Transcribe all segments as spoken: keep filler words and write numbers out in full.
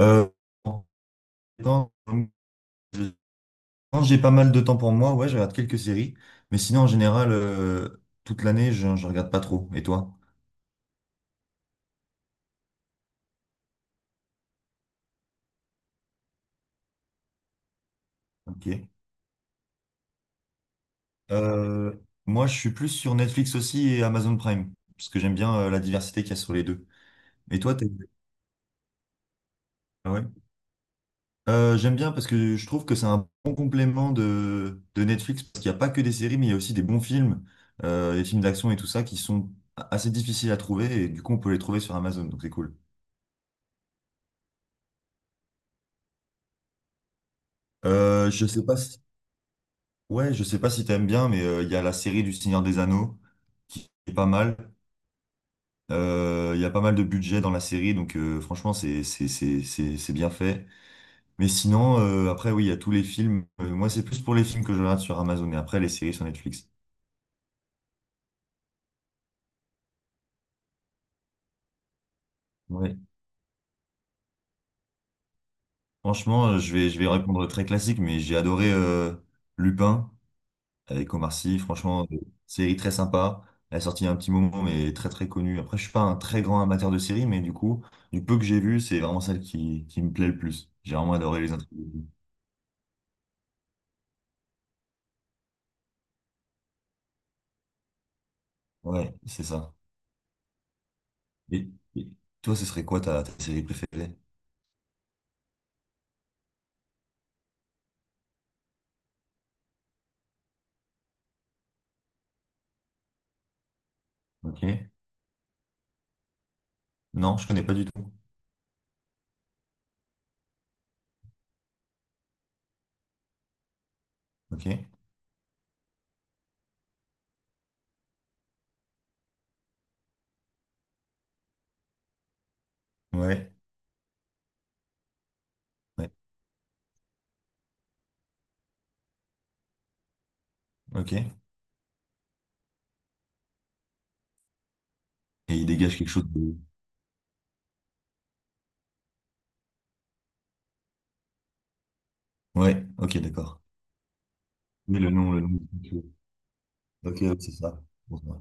Euh, quand quand j'ai pas mal de temps pour moi, ouais, je regarde quelques séries. Mais sinon, en général, euh, toute l'année, je, je regarde pas trop. Et toi? Ok. Euh, Moi, je suis plus sur Netflix aussi et Amazon Prime, parce que j'aime bien euh, la diversité qu'il y a sur les deux. Et toi, t'es... Ah ouais. Euh, j'aime bien parce que je trouve que c'est un bon complément de, de Netflix, parce qu'il n'y a pas que des séries, mais il y a aussi des bons films, euh, des films d'action et tout ça, qui sont assez difficiles à trouver, et du coup, on peut les trouver sur Amazon, donc c'est cool. Euh, je sais pas si... Ouais, je sais pas si t'aimes bien, mais euh, il y a la série du Seigneur des Anneaux qui est pas mal. Euh, Il y a pas mal de budget dans la série, donc euh, franchement, c'est c'est c'est c'est c'est bien fait. Mais sinon, euh, après, oui, il y a tous les films. Euh, moi, c'est plus pour les films que je regarde sur Amazon, et après, les séries sur Netflix. Ouais. Franchement, euh, je vais je vais répondre très classique, mais j'ai adoré euh, Lupin. Avec Omar Sy. Franchement, euh, série très sympa. Elle est sortie il y a un petit moment, mais très très connue. Après, je suis pas un très grand amateur de séries, mais du coup, du peu que j'ai vu, c'est vraiment celle qui, qui me plaît le plus. J'ai vraiment adoré les intrigues. Ouais, c'est ça. Et, et toi, ce serait quoi ta, ta série préférée? Ok. Non, je connais pas du tout. Ok. Ouais. Ouais. Ok. Et il dégage quelque chose de... Ouais. Ok, d'accord. Mais le nom, le nom. Ok, ouais, c'est ça. Pour ça.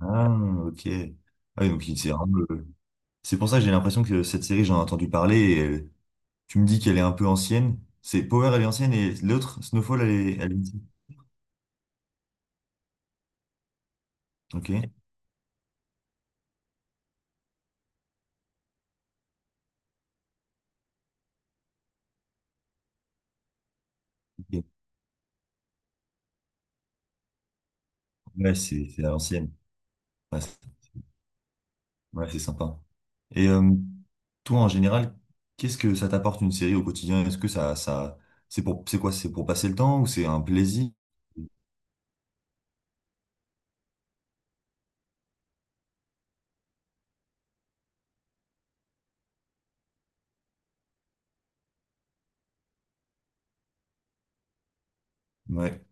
Ah, ok. Ah, oui, donc il- c'est vraiment le, c'est pour ça que j'ai l'impression que cette série, j'en ai entendu parler. Et euh, tu me dis qu'elle est un peu ancienne. C'est Power, elle est ancienne et l'autre, Snowfall, elle est, elle est ancienne. Ok. Ok. Ouais, c'est c'est à l'ancienne. Ouais, c'est ouais, c'est sympa. Et euh, toi, en général, qu'est-ce que ça t'apporte une série au quotidien? Est-ce que ça, ça, c'est pour, c'est quoi? C'est pour passer le temps ou c'est un plaisir? Ouais,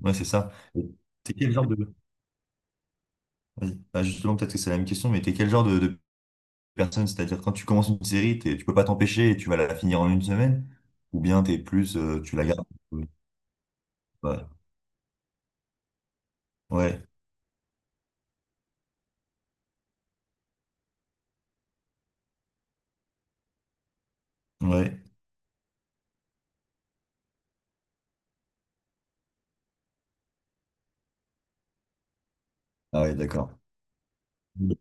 ouais, c'est ça. Et t'es quel genre de... Vas-y. Bah, justement, peut-être que c'est la même question, mais t'es quel genre de, de personne. C'est-à-dire quand tu commences une série, t'es- tu peux pas t'empêcher et tu vas la finir en une semaine, ou bien t'es plus, euh, tu la gardes. Ouais, ouais, ouais. Ah ouais, d'accord. Ouais,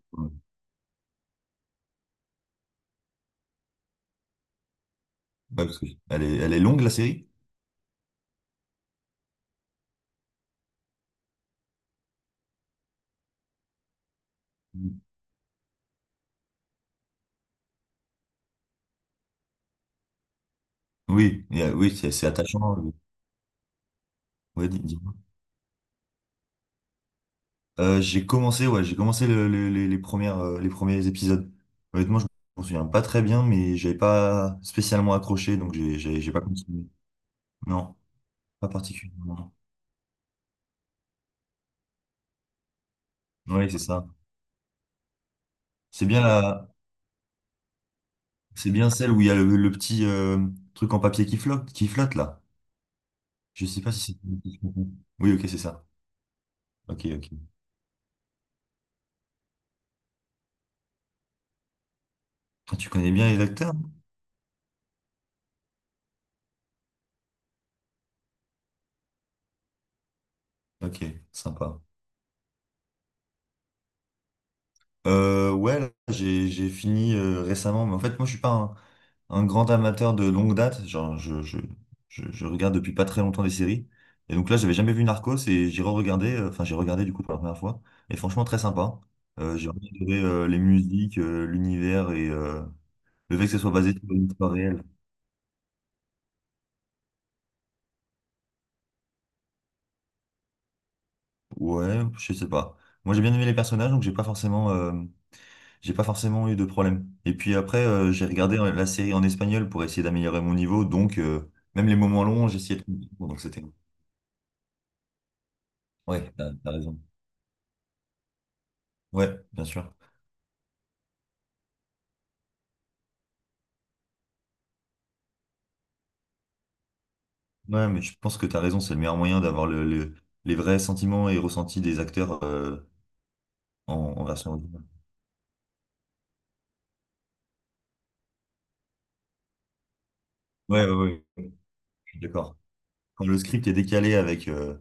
parce que elle est, elle est longue la série? Oui, et, euh, oui, c'est c'est attachant. euh, Ouais, dis- dis-moi. Euh, j'ai commencé, ouais, j'ai commencé le- le- les, les premières, euh, les premiers épisodes. Honnêtement, je m'en souviens pas très bien, mais j'avais pas spécialement accroché, donc j'ai, j'ai j'ai pas continué. Non, pas particulièrement. Oui, c'est ça. C'est bien la, C'est bien celle où il y a le, le petit euh, truc en papier qui flotte, qui flotte là. Je sais pas si c'est. Oui, ok, c'est ça. Ok, ok. Toi, tu connais bien les acteurs? Hein. Ok, sympa. Euh, ouais, là, j'ai j'ai fini euh, récemment, mais en fait, moi, je suis pas un, un grand amateur de longue date. Genre, je, je, je, je regarde depuis pas très longtemps des séries. Et donc là, j'avais jamais vu Narcos et j'ai re-regardé, euh, enfin, j'ai regardé du coup pour la première fois. Et franchement, très sympa. Euh, j'ai adoré euh, les musiques, euh, l'univers et euh, le fait que ça soit basé sur une histoire réelle. Ouais, je sais pas. Moi, j'ai bien aimé les personnages, donc j'ai pas forcément, euh, j'ai pas forcément eu de problème. Et puis après, euh, j'ai regardé la série en espagnol pour essayer d'améliorer mon niveau, donc euh, même les moments longs, j'essayais de comprendre. Donc c'était cool. Ouais, t'as, t'as raison. Ouais, bien sûr. Ouais, mais je pense que t'as raison, c'est le meilleur moyen d'avoir le, le- les vrais sentiments et ressentis des acteurs euh, en, en version originale. Ouais, ouais, ouais, ouais, je suis d'accord. Quand le script est décalé avec euh,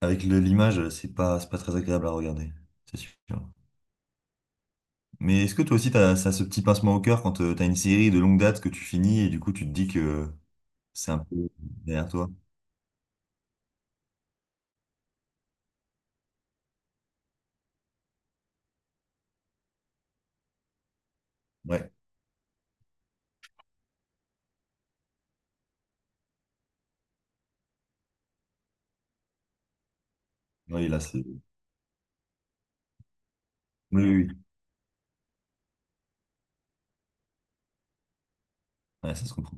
avec le- l'image, c'est pas, c'est pas très agréable à regarder. C'est sûr. Mais est-ce que toi aussi, t'as, ça, ce petit pincement au cœur quand euh, t'as une série de longue date que tu finis et du coup, tu te dis que c'est un peu derrière toi? Ouais, oui, là, c'est. Oui, oui, oui. Ouais, ça se comprend.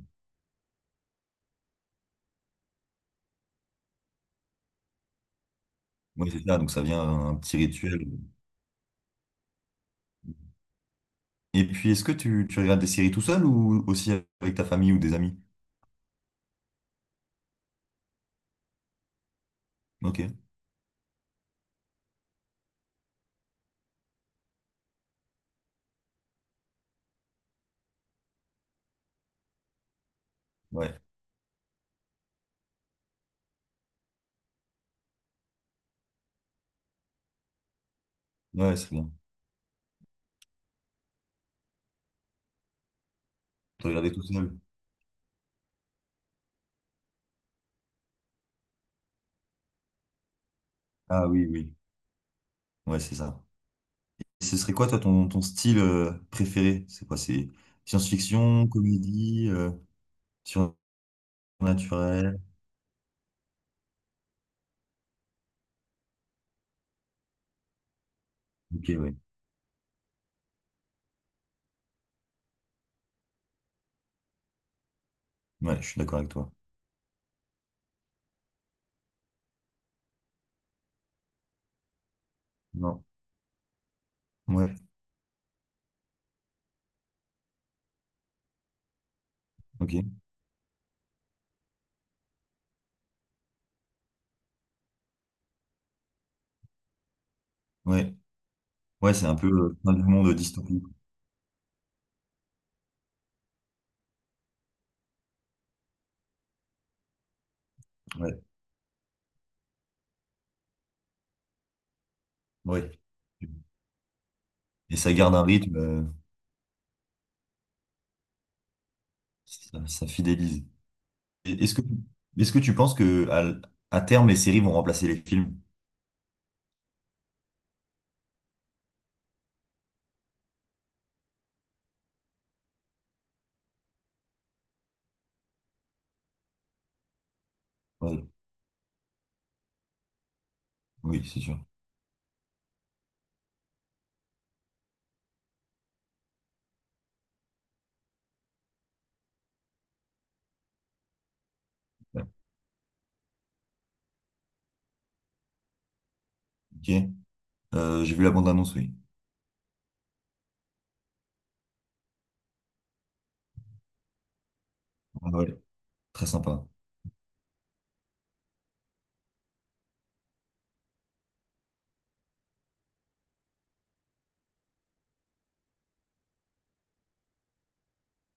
Oui, c'est ça, donc ça vient un petit rituel. Et puis, est-ce que tu, tu regardes des séries tout seul ou aussi avec ta famille ou des amis? Ok, ouais, ouais, c'est bien. Tu regardais tout seul? Ah oui, oui, ouais, c'est ça. Ce serait quoi, toi, ton, ton style euh, préféré? C'est quoi? C'est science-fiction, comédie, euh, surnaturel? Ok, ouais, ouais, je suis d'accord avec toi. Non. Ouais, ok. Ouais. Ouais, c'est un peu euh, fin du monde dystopique. Ouais. Ouais. Et ça garde un rythme, euh, ça, ça fidélise. Et Est-ce que, est-ce que tu penses que à, l- à terme, les séries vont remplacer les films? Ouais. Oui, c'est sûr. Ouais. Ok. Euh, j'ai vu la bande-annonce, oui. Ah ouais. Très sympa.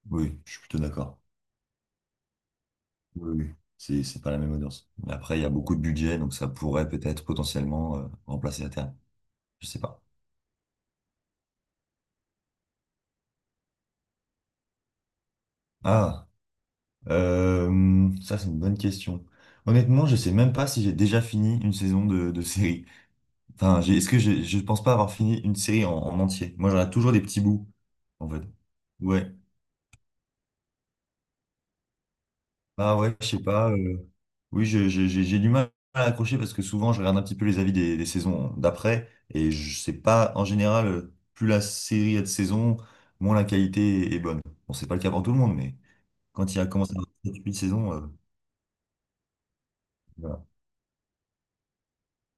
Oui, je suis plutôt d'accord. Oui, oui. C'est, c'est pas la même audience. Mais après, il y a beaucoup de budget, donc ça pourrait peut-être potentiellement euh, remplacer à terme. Je sais pas. Ah. Euh, ça, c'est une bonne question. Honnêtement, je sais même pas si j'ai déjà fini une saison de, de série. Enfin, j'ai- est-ce que j'ai- je pense pas avoir fini une série en, en entier. Moi, j'en ai toujours des petits bouts, en fait. Ouais. Ah ouais, je sais pas. euh, Oui, je- je- j'ai j'ai du mal à accrocher parce que souvent, je regarde un petit peu les avis des, des saisons d'après et je sais pas, en général, euh, plus la série a de saisons, moins la qualité est bonne. Bon, c'est pas le cas pour tout le monde, mais quand il y a commencé à avoir sept huit saisons, euh,